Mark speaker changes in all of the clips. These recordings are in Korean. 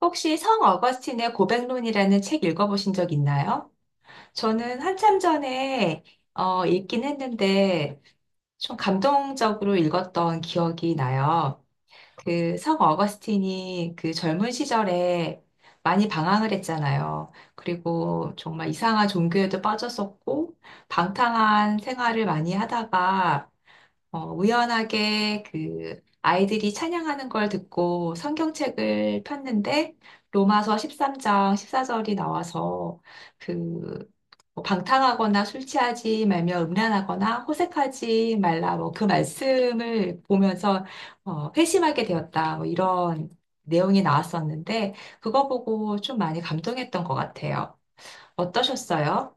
Speaker 1: 혹시 성 어거스틴의 고백론이라는 책 읽어보신 적 있나요? 저는 한참 전에 읽긴 했는데 좀 감동적으로 읽었던 기억이 나요. 그 성 어거스틴이 그 젊은 시절에 많이 방황을 했잖아요. 그리고 정말 이상한 종교에도 빠졌었고 방탕한 생활을 많이 하다가 우연하게 그 아이들이 찬양하는 걸 듣고 성경책을 폈는데 로마서 13장 14절이 나와서 그뭐 방탕하거나 술 취하지 말며 음란하거나 호색하지 말라 뭐 그 말씀을 보면서 회심하게 되었다 뭐 이런 내용이 나왔었는데 그거 보고 좀 많이 감동했던 것 같아요. 어떠셨어요?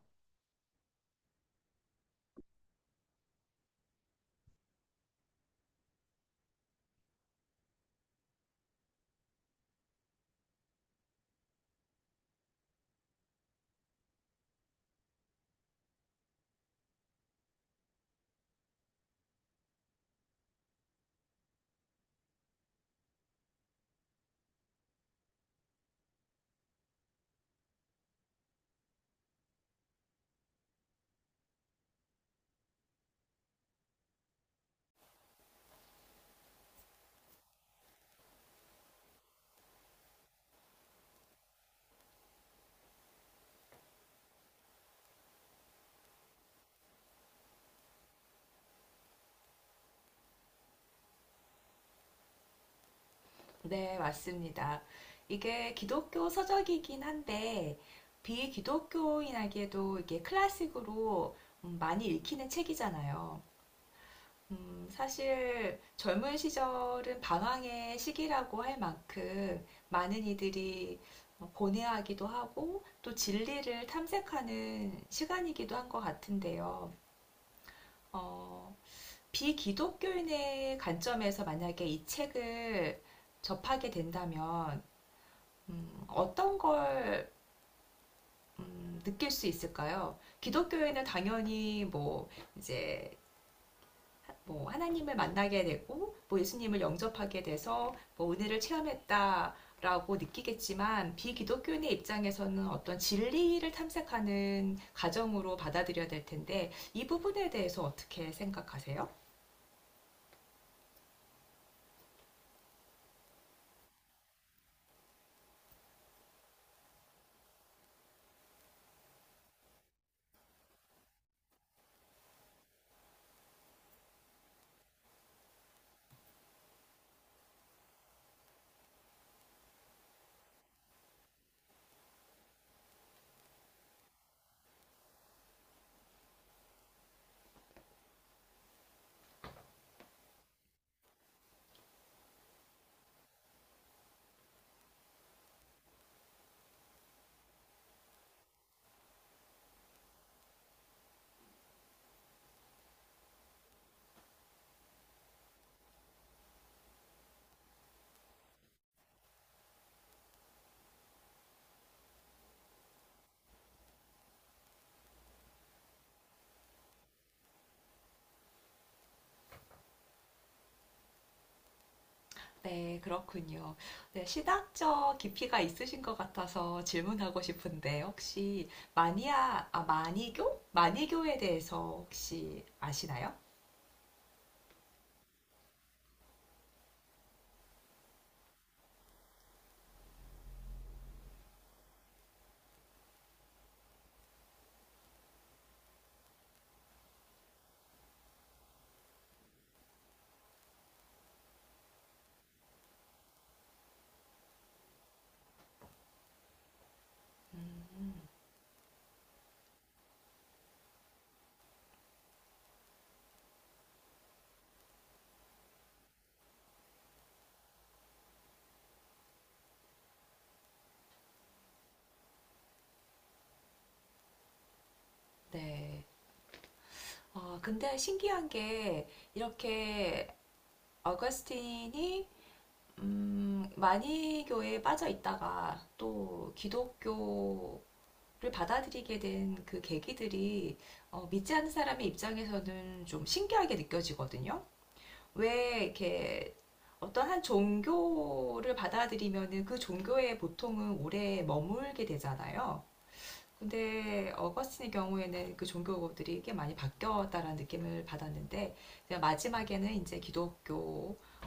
Speaker 1: 네, 맞습니다. 이게 기독교 서적이긴 한데, 비기독교인에게도 이게 클래식으로 많이 읽히는 책이잖아요. 사실 젊은 시절은 방황의 시기라고 할 만큼 많은 이들이 고뇌하기도 하고 또 진리를 탐색하는 시간이기도 한 것 같은데요. 어, 비기독교인의 관점에서 만약에 이 책을 접하게 된다면 어떤 걸 느낄 수 있을까요? 기독교에는 당연히 뭐 이제 뭐 하나님을 만나게 되고 뭐 예수님을 영접하게 돼서 뭐 은혜를 체험했다라고 느끼겠지만 비기독교인의 입장에서는 어떤 진리를 탐색하는 과정으로 받아들여야 될 텐데 이 부분에 대해서 어떻게 생각하세요? 네, 그렇군요. 네, 신학적 깊이가 있으신 것 같아서 질문하고 싶은데, 혹시 마니아, 아, 마니교? 마니교에 대해서 혹시 아시나요? 네. 근데 신기한 게, 이렇게 어거스틴이, 마니교에 빠져 있다가 또 기독교를 받아들이게 된 그 계기들이, 믿지 않는 사람의 입장에서는 좀 신기하게 느껴지거든요. 왜 이렇게 어떤 한 종교를 받아들이면은 그 종교에 보통은 오래 머물게 되잖아요. 근데 어거스틴의 경우에는 그 종교들이 꽤 많이 바뀌었다라는 느낌을 받았는데 제가 마지막에는 이제 기독교에서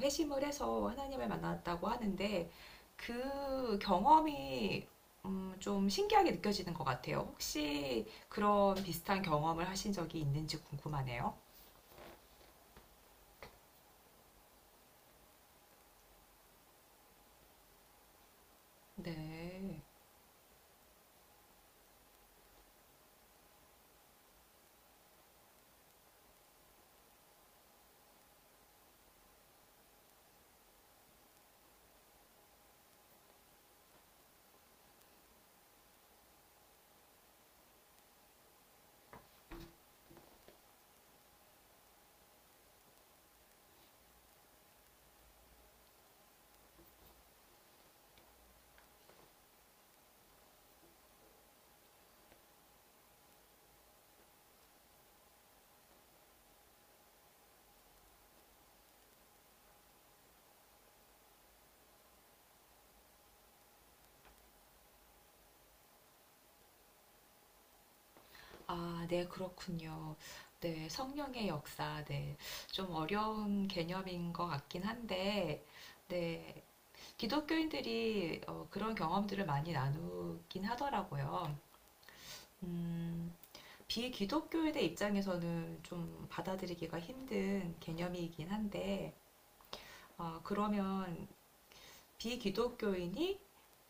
Speaker 1: 회심을 해서 하나님을 만났다고 하는데 그 경험이 좀 신기하게 느껴지는 것 같아요. 혹시 그런 비슷한 경험을 하신 적이 있는지 궁금하네요. 네. 아, 네, 그렇군요. 네, 성령의 역사, 네. 좀 어려운 개념인 것 같긴 한데, 네, 기독교인들이 그런 경험들을 많이 나누긴 하더라고요. 음, 비기독교인의 입장에서는 좀 받아들이기가 힘든 개념이긴 한데, 아, 그러면 비기독교인이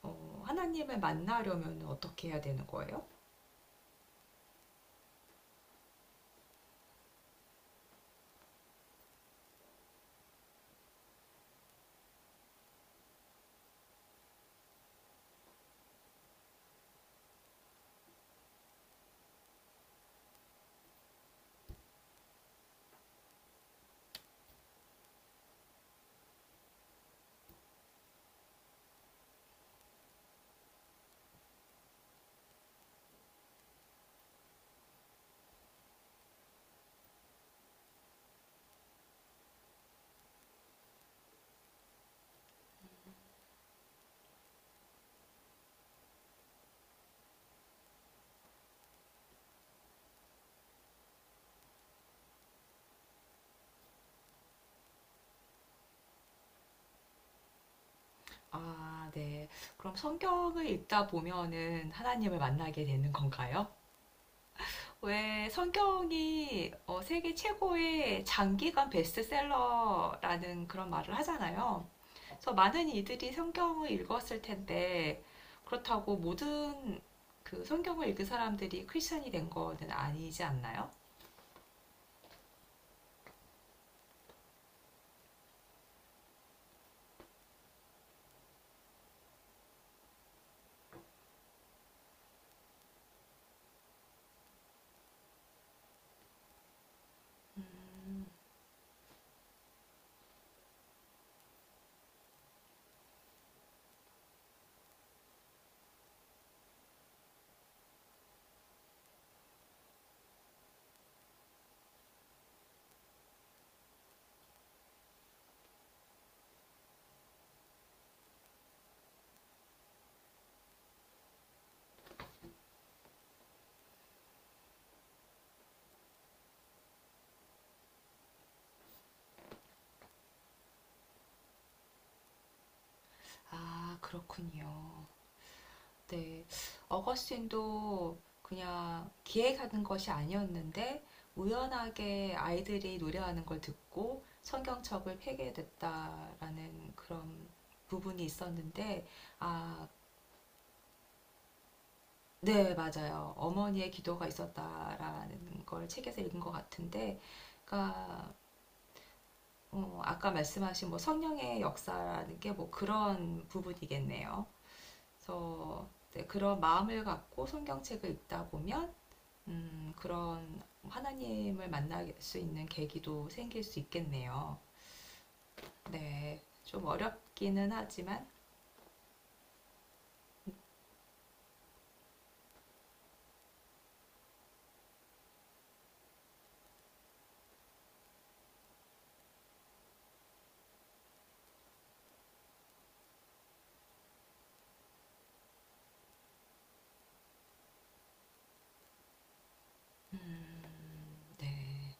Speaker 1: 하나님을 만나려면 어떻게 해야 되는 거예요? 아, 네. 그럼 성경을 읽다 보면은 하나님을 만나게 되는 건가요? 왜 성경이 세계 최고의 장기간 베스트셀러라는 그런 말을 하잖아요. 그래서 많은 이들이 성경을 읽었을 텐데 그렇다고 모든 그 성경을 읽은 사람들이 크리스천이 된 거는 아니지 않나요? 음, 아, 그렇군요. 네. 어거스틴도 그냥 기획하는 것이 아니었는데 우연하게 아이들이 노래하는 걸 듣고 성경책을 폐기됐다라는 그런 부분이 있었는데 아, 네, 맞아요. 어머니의 기도가 있었다라는 걸 책에서 읽은 것 같은데 그러니까 아까 말씀하신 뭐 성령의 역사라는 게 뭐 그런 부분이겠네요. 그래서 네, 그런 마음을 갖고 성경책을 읽다 보면 그런 하나님을 만날 수 있는 계기도 생길 수 있겠네요. 네, 좀 어렵기는 하지만, 네,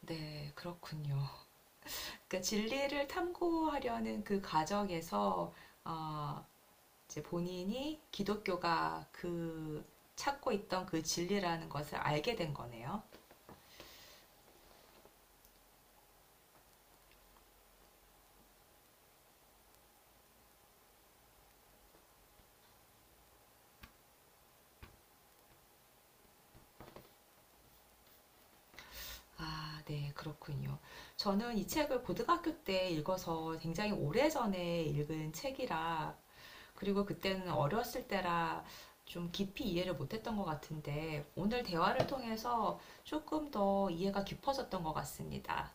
Speaker 1: 네, 그렇군요. 그러니까 진리를 탐구하려는 그 과정에서, 어, 이제 본인이 기독교가 그 찾고 있던 그 진리라는 것을 알게 된 거네요. 아, 네, 그렇군요. 저는 이 책을 고등학교 때 읽어서 굉장히 오래전에 읽은 책이라 그리고 그때는 어렸을 때라 좀 깊이 이해를 못했던 것 같은데 오늘 대화를 통해서 조금 더 이해가 깊어졌던 것 같습니다.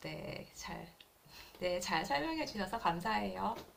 Speaker 1: 네, 잘, 네, 잘 설명해 주셔서 감사해요.